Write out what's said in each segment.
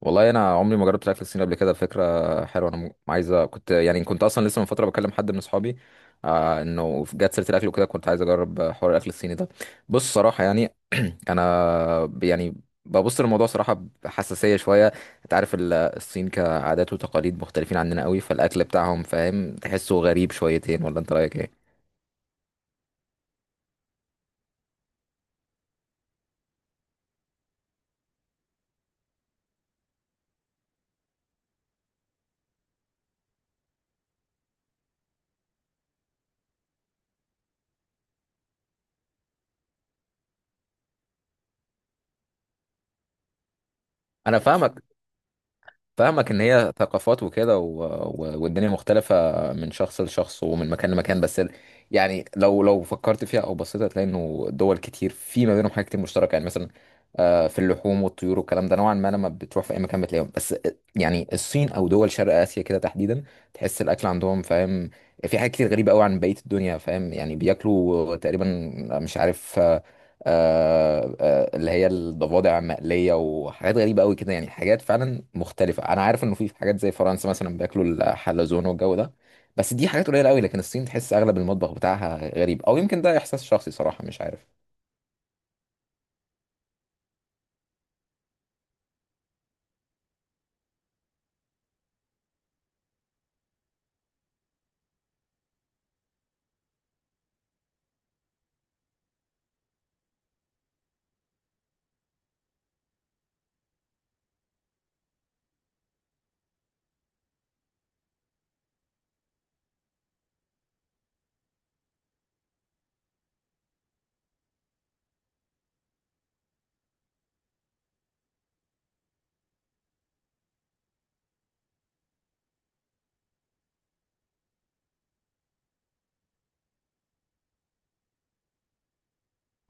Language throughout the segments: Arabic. والله انا عمري ما جربت الاكل الصيني قبل كده. فكره حلوه، انا عايزه. كنت كنت اصلا لسه من فتره بكلم حد من اصحابي، آه، انه جت سيره الاكل وكده. كنت عايز اجرب حوار الاكل الصيني ده. بص، صراحه انا ببص للموضوع صراحه بحساسيه شويه. انت عارف الصين كعادات وتقاليد مختلفين عننا قوي، فالاكل بتاعهم، فاهم، تحسه غريب شويتين، ولا انت رايك ايه؟ انا فاهمك. فاهمك ان هي ثقافات وكده، والدنيا مختلفة من شخص لشخص ومن مكان لمكان، بس يعني لو فكرت فيها او بصيت، هتلاقي انه دول كتير في ما بينهم حاجات كتير مشتركة. يعني مثلا، آه، في اللحوم والطيور والكلام ده نوعا ما، لما بتروح في اي مكان بتلاقيهم. بس يعني الصين او دول شرق اسيا كده تحديدا، تحس الاكل عندهم، فاهم، في حاجات كتير غريبة قوي عن بقية الدنيا، فاهم. يعني بياكلوا تقريبا، مش عارف، اللي هي الضفادع المقلية وحاجات غريبة قوي كده. يعني حاجات فعلا مختلفة. أنا عارف إنه في حاجات زي فرنسا مثلا بياكلوا الحلزون والجو ده، بس دي حاجات قليلة قوي. لكن الصين تحس أغلب المطبخ بتاعها غريب، أو يمكن ده إحساس شخصي صراحة، مش عارف.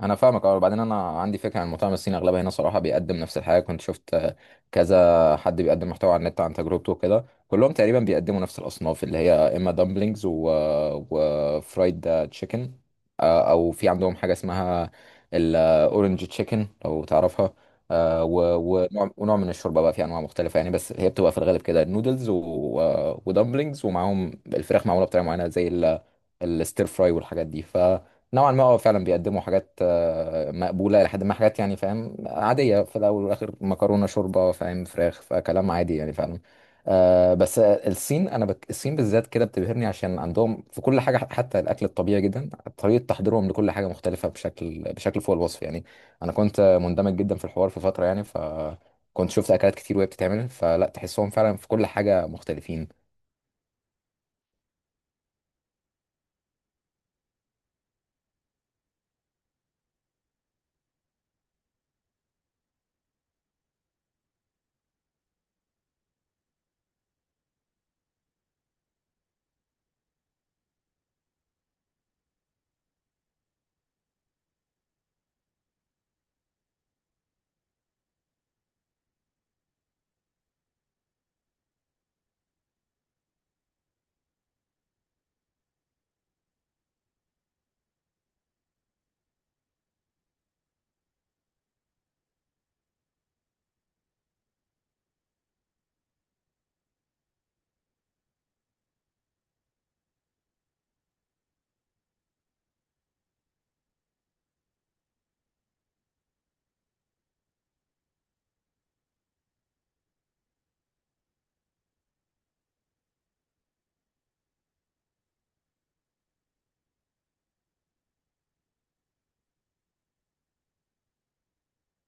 انا فاهمك. اه، وبعدين انا عندي فكره عن المطاعم الصيني، اغلبها هنا صراحه بيقدم نفس الحاجه. كنت شفت كذا حد بيقدم محتوى على النت عن تجربته وكده، كلهم تقريبا بيقدموا نفس الاصناف، اللي هي اما دامبلينجز وفرايد تشيكن، او في عندهم حاجه اسمها الاورنج تشيكن لو تعرفها، ونوع من الشوربه. بقى في انواع مختلفه يعني، بس هي بتبقى في الغالب كده نودلز ودامبلينجز، ومعاهم الفراخ معموله بطريقه معينه زي الستير فراي والحاجات دي. ف نوعا ما اه فعلا بيقدموا حاجات مقبولة لحد ما. حاجات يعني، فاهم، عادية. في الأول والآخر مكرونة، شوربة، فاهم، فراخ، فكلام عادي يعني فعلا. آه بس آه، الصين، أنا الصين بالذات كده بتبهرني، عشان عندهم في كل حاجة حتى الأكل الطبيعي جدا، طريقة تحضيرهم لكل حاجة مختلفة بشكل فوق الوصف يعني. أنا كنت مندمج جدا في الحوار في فترة يعني، ف كنت شفت أكلات كتير وهي بتتعمل، فلا تحسهم فعلا في كل حاجة مختلفين.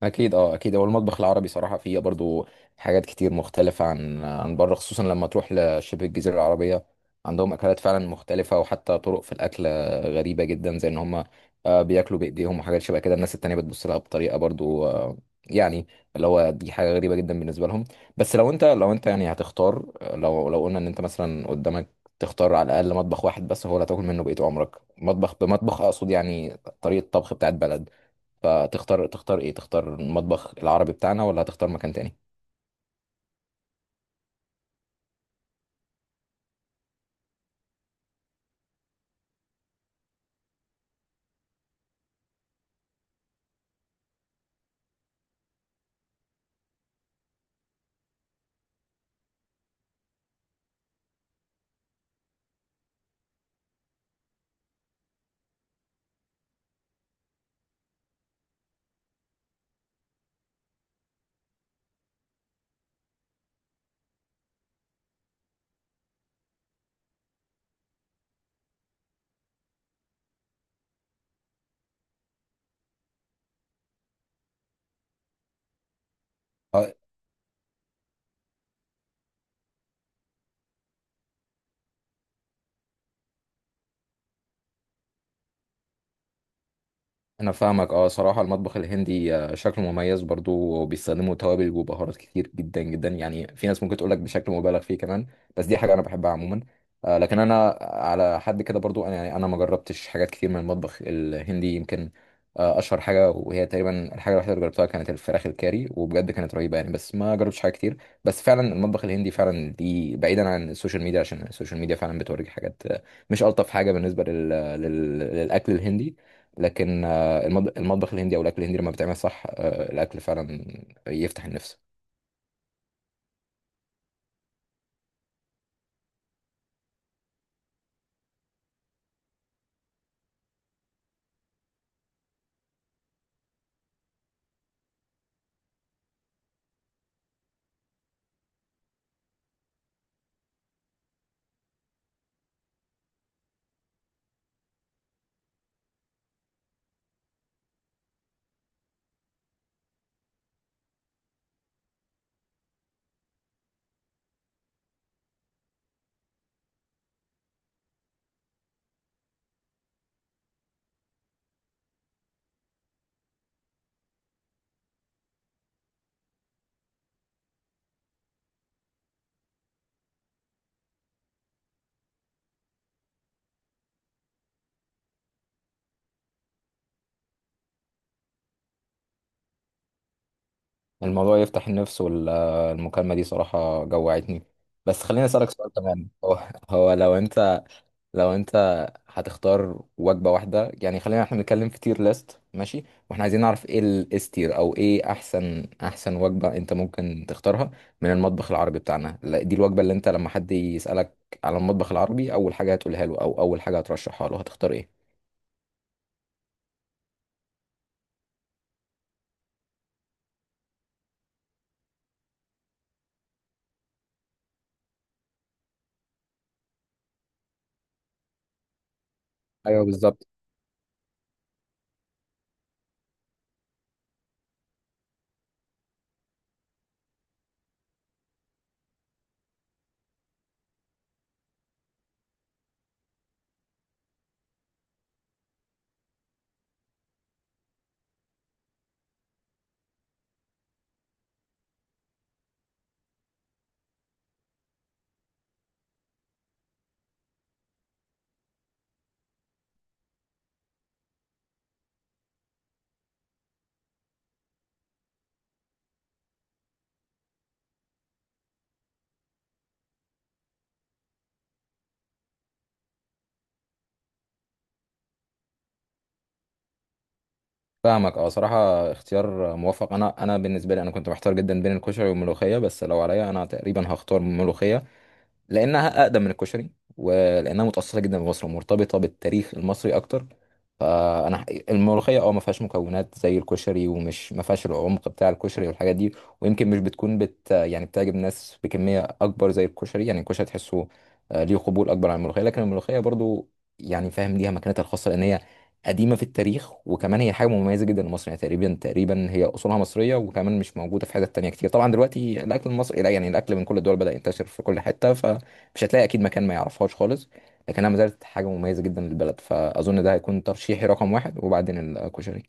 اكيد، اه اكيد. هو المطبخ العربي صراحه فيه برضو حاجات كتير مختلفه عن بره، خصوصا لما تروح لشبه الجزيره العربيه، عندهم اكلات فعلا مختلفه، وحتى طرق في الاكل غريبه جدا، زي ان هم، بياكلوا بايديهم وحاجات شبه كده. الناس التانية بتبص لها بطريقه برضو، يعني اللي هو دي حاجه غريبه جدا بالنسبه لهم. بس لو انت يعني هتختار، لو قلنا ان انت مثلا قدامك تختار على الاقل مطبخ واحد بس هو اللي هتاكل منه بقيت عمرك، مطبخ بمطبخ اقصد يعني، طريقه طبخ بتاعت بلد، تختار ايه؟ تختار المطبخ العربي بتاعنا ولا هتختار مكان تاني؟ اه، انا فاهمك. اه، صراحة المطبخ الهندي شكله مميز برضو، وبيستخدموا توابل وبهارات كتير جدا جدا، يعني في ناس ممكن تقولك بشكل مبالغ فيه كمان، بس دي حاجة انا بحبها عموما. لكن انا على حد كده برضو، انا ما جربتش حاجات كتير من المطبخ الهندي. يمكن اشهر حاجة، وهي تقريبا الحاجة الوحيدة اللي جربتها، كانت الفراخ الكاري، وبجد كانت رهيبة يعني، بس ما جربتش حاجة كتير. بس فعلا المطبخ الهندي فعلا دي، بعيدا عن السوشيال ميديا، عشان السوشيال ميديا فعلا بتوريك حاجات مش الطف حاجة بالنسبة للاكل الهندي. لكن المطبخ الهندي او الاكل الهندي لما بيتعمل صح، الاكل فعلا يفتح النفس. الموضوع يفتح النفس، والمكالمه دي صراحه جوعتني. بس خليني اسالك سؤال كمان. هو هو لو انت لو انت هتختار وجبه واحده، يعني خلينا احنا نتكلم في تير ليست، ماشي؟ واحنا عايزين نعرف ايه الاس تير، او ايه احسن وجبه انت ممكن تختارها من المطبخ العربي بتاعنا. لا، دي الوجبه اللي انت لما حد يسالك على المطبخ العربي، اول حاجه هتقولها له او اول حاجه هترشحها له، هتختار ايه؟ ايوه، بالظبط. فاهمك. اه صراحة اختيار موفق. انا بالنسبة لي، انا كنت محتار جدا بين الكشري والملوخية، بس لو عليا انا تقريبا هختار الملوخية، لانها اقدم من الكشري، ولانها متاصله جدا بمصر ومرتبطه بالتاريخ المصري اكتر. فانا ح- الملوخيه اه ما فيهاش مكونات زي الكشري، ومش ما فيهاش العمق بتاع الكشري والحاجات دي، ويمكن مش بتكون بت يعني بتعجب ناس بكميه اكبر زي الكشري. يعني الكشري تحسه ليه قبول اكبر عن الملوخيه، لكن الملوخيه برضو يعني، فاهم، ليها مكانتها الخاصه، لان هي قديمه في التاريخ، وكمان هي حاجه مميزه جدا لمصر، يعني تقريبا هي اصولها مصريه، وكمان مش موجوده في حتت تانية كتير. طبعا دلوقتي الاكل المصري، لا يعني الاكل من كل الدول بدا ينتشر في كل حته، مش هتلاقي اكيد مكان ما يعرفهاش خالص، لكنها ما زالت حاجه مميزه جدا للبلد. فاظن ده هيكون ترشيحي رقم واحد، وبعدين الكشري.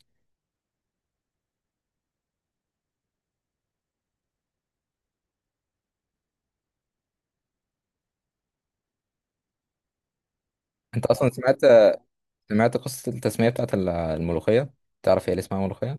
انت اصلا سمعت قصه التسميه بتاعت الملوخيه؟ تعرف هي اللي اسمها ملوخيه؟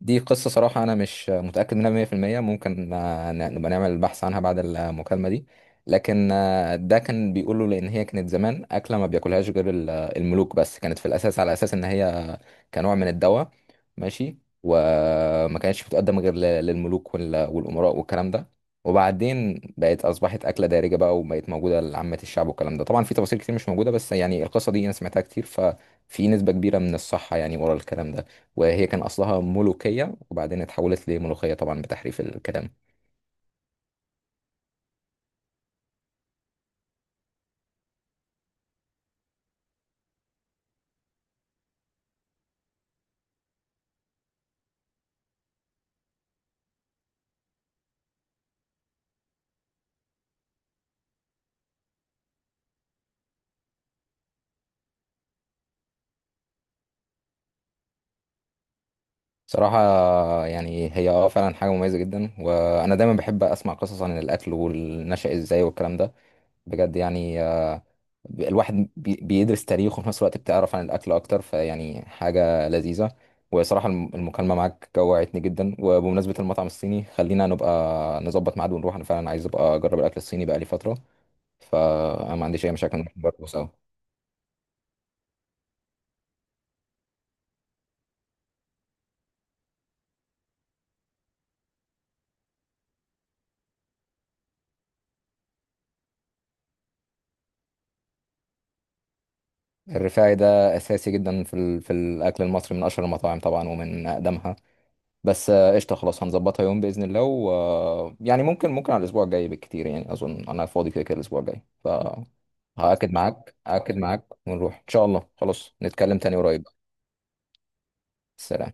دي قصة صراحة أنا مش متأكد منها 100%. ممكن نبقى نعمل بحث عنها بعد المكالمة دي. لكن ده كان بيقوله، لأن هي كانت زمان أكلة ما بياكلهاش غير الملوك بس، كانت في الأساس على أساس إن هي كنوع من الدواء ماشي، وما كانتش بتقدم غير للملوك والأمراء والكلام ده، وبعدين بقت، أصبحت أكلة دارجة بقى، وبقت موجودة لعامة الشعب والكلام ده. طبعا في تفاصيل كتير مش موجودة، بس يعني القصة دي أنا سمعتها كتير، ففي نسبة كبيرة من الصحة يعني ورا الكلام ده. وهي كان أصلها ملوكية وبعدين اتحولت لملوخية، طبعا بتحريف الكلام. صراحة يعني هي اه فعلا حاجة مميزة جدا، وأنا دايما بحب أسمع قصص عن الأكل والنشأ إزاي والكلام ده. بجد يعني، الواحد بيدرس تاريخ وفي نفس الوقت بتعرف عن الأكل أكتر، فيعني حاجة لذيذة. وصراحة المكالمة معاك جوعتني جدا. وبمناسبة المطعم الصيني، خلينا نبقى نظبط ميعاد ونروح، أنا فعلا عايز أبقى أجرب الأكل الصيني بقالي فترة، فما عنديش أي مشاكل نروح برضه سوا. الرفاعي ده اساسي جدا في في الاكل المصري، من اشهر المطاعم طبعا ومن اقدمها. بس قشطه، خلاص هنظبطها يوم باذن الله، و... آه، يعني ممكن على الاسبوع الجاي بالكتير، يعني اظن انا فاضي كده كده الاسبوع الجاي. فهاكد معاك هاكد معاك ونروح ان شاء الله. خلاص نتكلم تاني قريب. سلام.